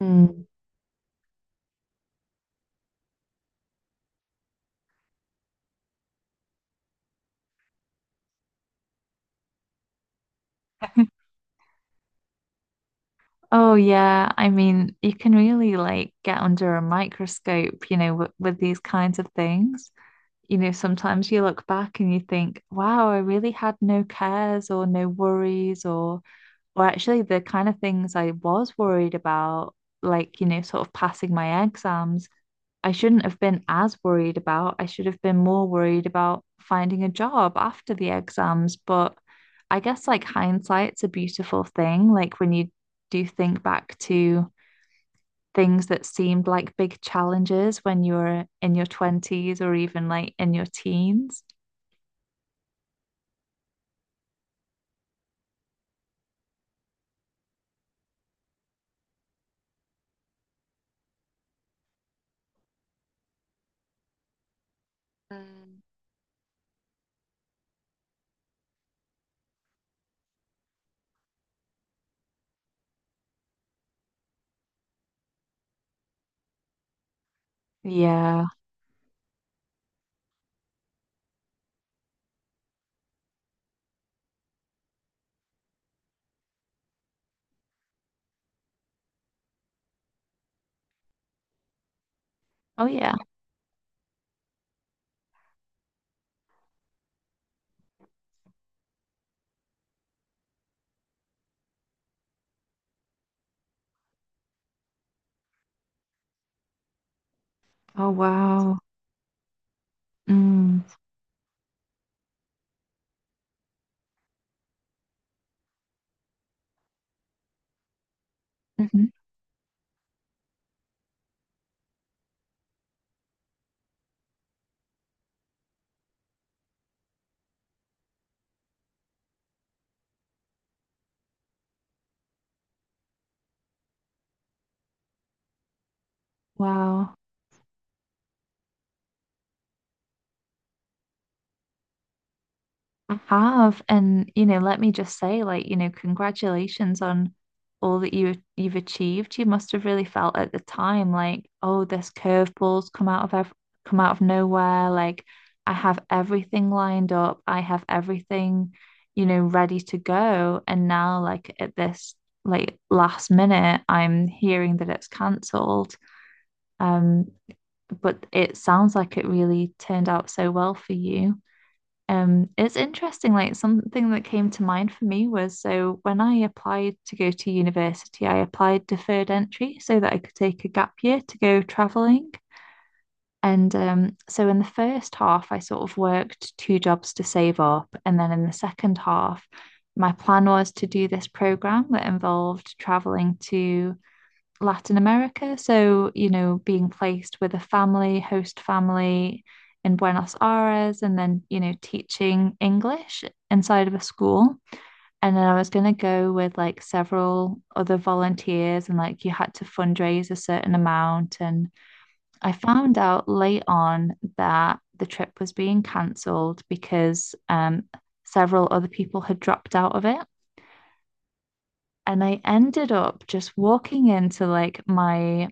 Mm. Oh yeah, I mean, you can really like get under a microscope, you know, with these kinds of things. You know, sometimes you look back and you think, wow, I really had no cares or no worries or actually the kind of things I was worried about, like, you know, sort of passing my exams, I shouldn't have been as worried about. I should have been more worried about finding a job after the exams. But I guess like hindsight's a beautiful thing. Like when you do think back to things that seemed like big challenges when you were in your 20s or even like in your teens. Mm. Yeah. Oh, yeah. Oh, wow. Mm. hmm Wow. I have, and you know, let me just say, like, you know, congratulations on all that you've achieved. You must have really felt at the time, like, oh, this curveball's come out of ev come out of nowhere. Like, I have everything lined up. I have everything, you know, ready to go. And now, like, at this like last minute, I'm hearing that it's cancelled. Um, but it sounds like it really turned out so well for you. It's interesting, like something that came to mind for me was so when I applied to go to university, I applied deferred entry so that I could take a gap year to go traveling. And so in the first half, I sort of worked two jobs to save up. And then in the second half, my plan was to do this program that involved traveling to Latin America. So, you know, being placed with a family, host family in Buenos Aires, and then, you know, teaching English inside of a school. And then I was going to go with like several other volunteers, and like you had to fundraise a certain amount. And I found out late on that the trip was being cancelled because several other people had dropped out of it. And I ended up just walking into like my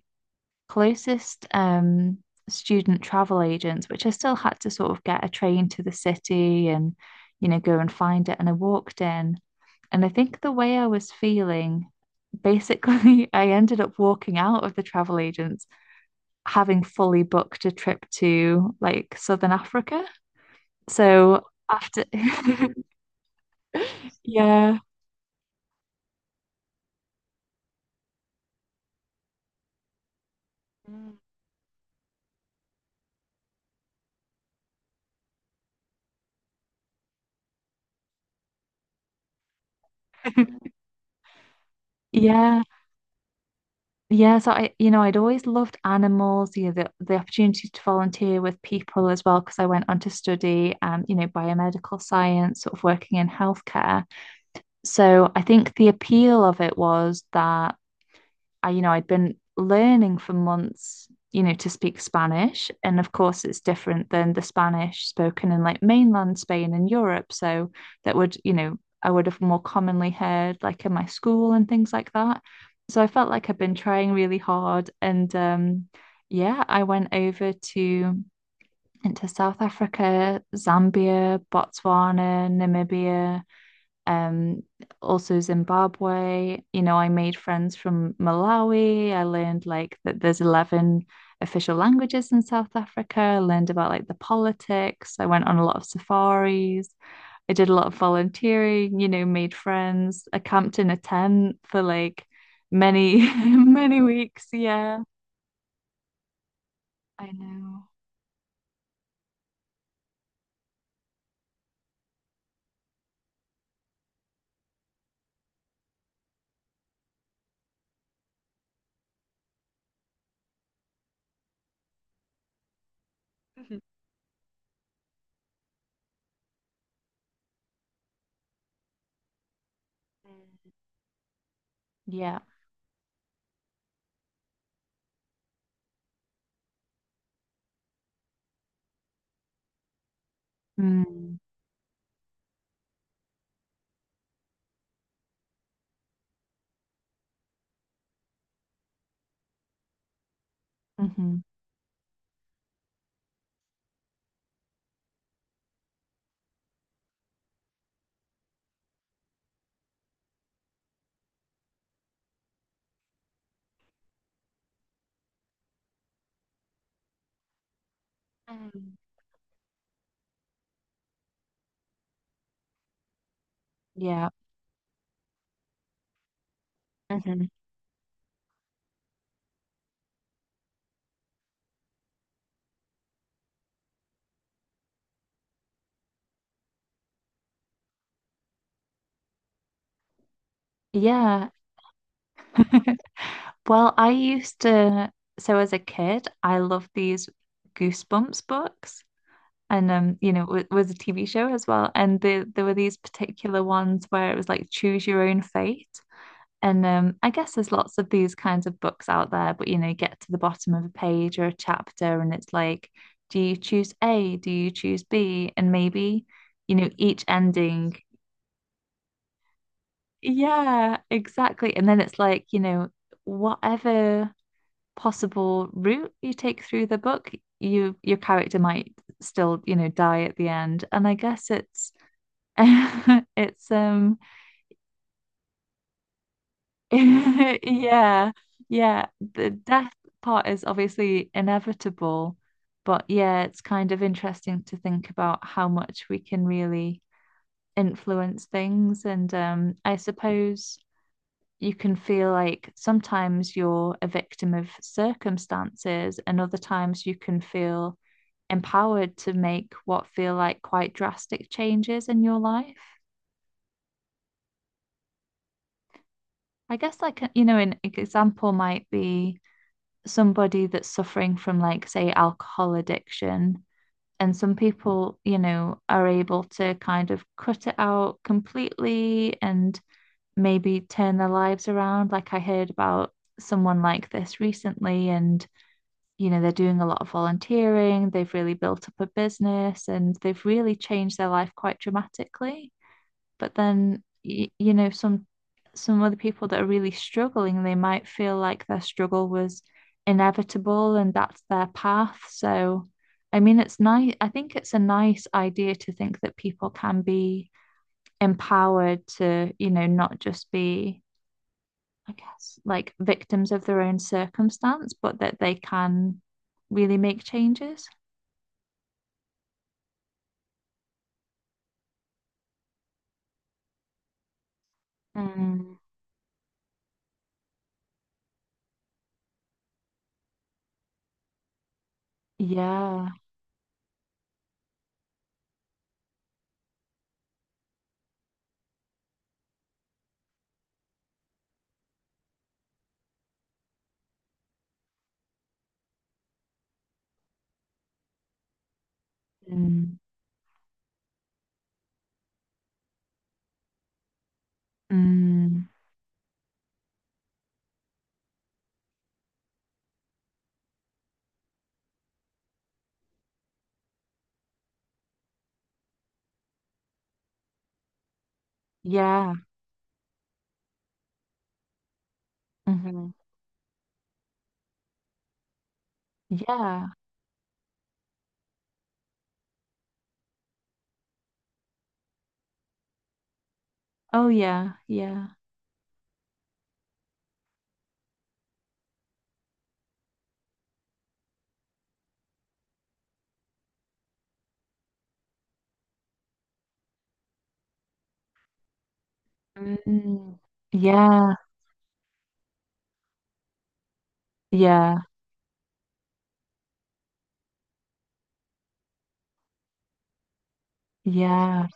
closest student travel agents, which I still had to sort of get a train to the city and, you know, go and find it. And I walked in, and I think the way I was feeling, basically, I ended up walking out of the travel agents having fully booked a trip to like Southern Africa. So after, yeah, yeah. Yeah, so I, you know, I'd always loved animals, you know, the opportunity to volunteer with people as well, because I went on to study, you know, biomedical science, sort of working in healthcare. So I think the appeal of it was that I, you know, I'd been learning for months, you know, to speak Spanish. And of course, it's different than the Spanish spoken in like mainland Spain and Europe. So that would, you know, I would have more commonly heard like in my school and things like that. So I felt like I've been trying really hard. And yeah, I went over to into South Africa, Zambia, Botswana, Namibia, um, also Zimbabwe. You know, I made friends from Malawi. I learned like that there's 11 official languages in South Africa. I learned about like the politics. I went on a lot of safaris. I did a lot of volunteering, you know, made friends. I camped in a tent for like many, many weeks. Yeah, I know. Mhm. Yeah. Mm. hmm Mhm. Yeah. Mhm. Yeah. Well, I used to, so as a kid, I loved these Goosebumps books. And you know, it was a TV show as well. And there were these particular ones where it was like choose your own fate. And I guess there's lots of these kinds of books out there, but you know, you get to the bottom of a page or a chapter, and it's like, do you choose A? Do you choose B? And maybe, you know, each ending. Yeah, exactly. And then it's like, you know, whatever possible route you take through the book, you your character might still, you know, die at the end. And I guess it's it's yeah, yeah, the death part is obviously inevitable, but yeah, it's kind of interesting to think about how much we can really influence things, and I suppose you can feel like sometimes you're a victim of circumstances, and other times you can feel empowered to make what feel like quite drastic changes in your life. I guess, like, you know, an example might be somebody that's suffering from, like, say, alcohol addiction. And some people, you know, are able to kind of cut it out completely and maybe turn their lives around. Like I heard about someone like this recently, and you know, they're doing a lot of volunteering, they've really built up a business and they've really changed their life quite dramatically. But then, you know, some other people that are really struggling, they might feel like their struggle was inevitable and that's their path. So, I mean, it's nice. I think it's a nice idea to think that people can be empowered to, you know, not just be I guess, like victims of their own circumstance, but that they can really make changes. Mm. Yeah. Mm. Mm. Yeah. hmm Yeah. Oh, yeah. Yeah. Mm. Mm. Yeah. Yeah. Yeah.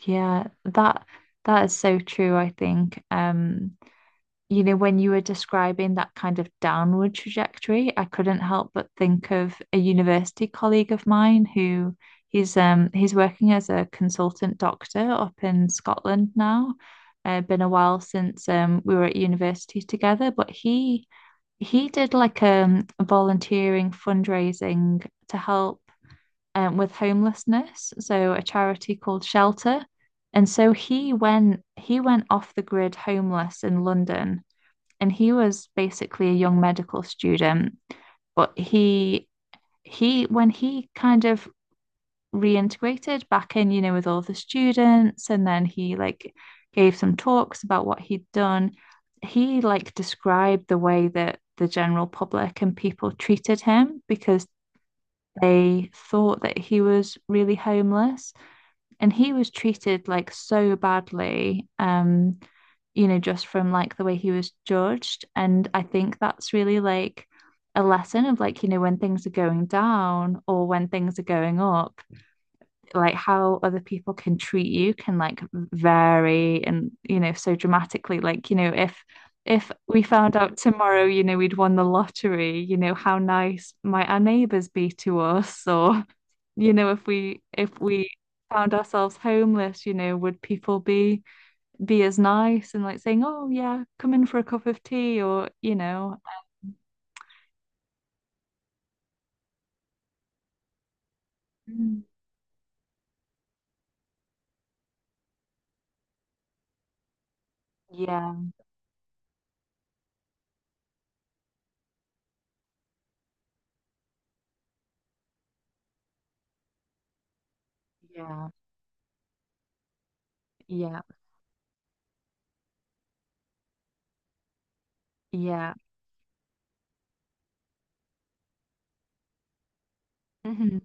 Yeah. That is so true, I think. You know, when you were describing that kind of downward trajectory, I couldn't help but think of a university colleague of mine who he's working as a consultant doctor up in Scotland now. Been a while since we were at university together, but he did like volunteering, fundraising to help with homelessness, so a charity called Shelter. And so he went off the grid, homeless in London, and he was basically a young medical student, but he when he kind of reintegrated back in, you know, with all the students, and then he like gave some talks about what he'd done. He like described the way that the general public and people treated him because they thought that he was really homeless, and he was treated like so badly, you know, just from like the way he was judged. And I think that's really like a lesson of like, you know, when things are going down or when things are going up, like how other people can treat you can like vary, and you know, so dramatically, like, you know, if we found out tomorrow, you know, we'd won the lottery, you know, how nice might our neighbors be to us? Or, you know, if we found ourselves homeless, you know, would people be as nice and like saying, "Oh yeah, come in for a cup of tea," or you know, Mm. Yeah, yeah, yeah, yeah. Mhm.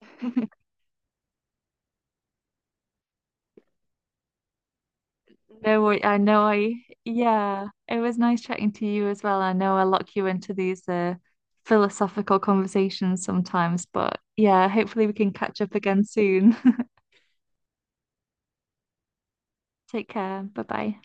No, I know I, yeah, it was nice chatting to you as well. I know I lock you into these philosophical conversations sometimes, but yeah, hopefully we can catch up again soon. Take care. Bye bye.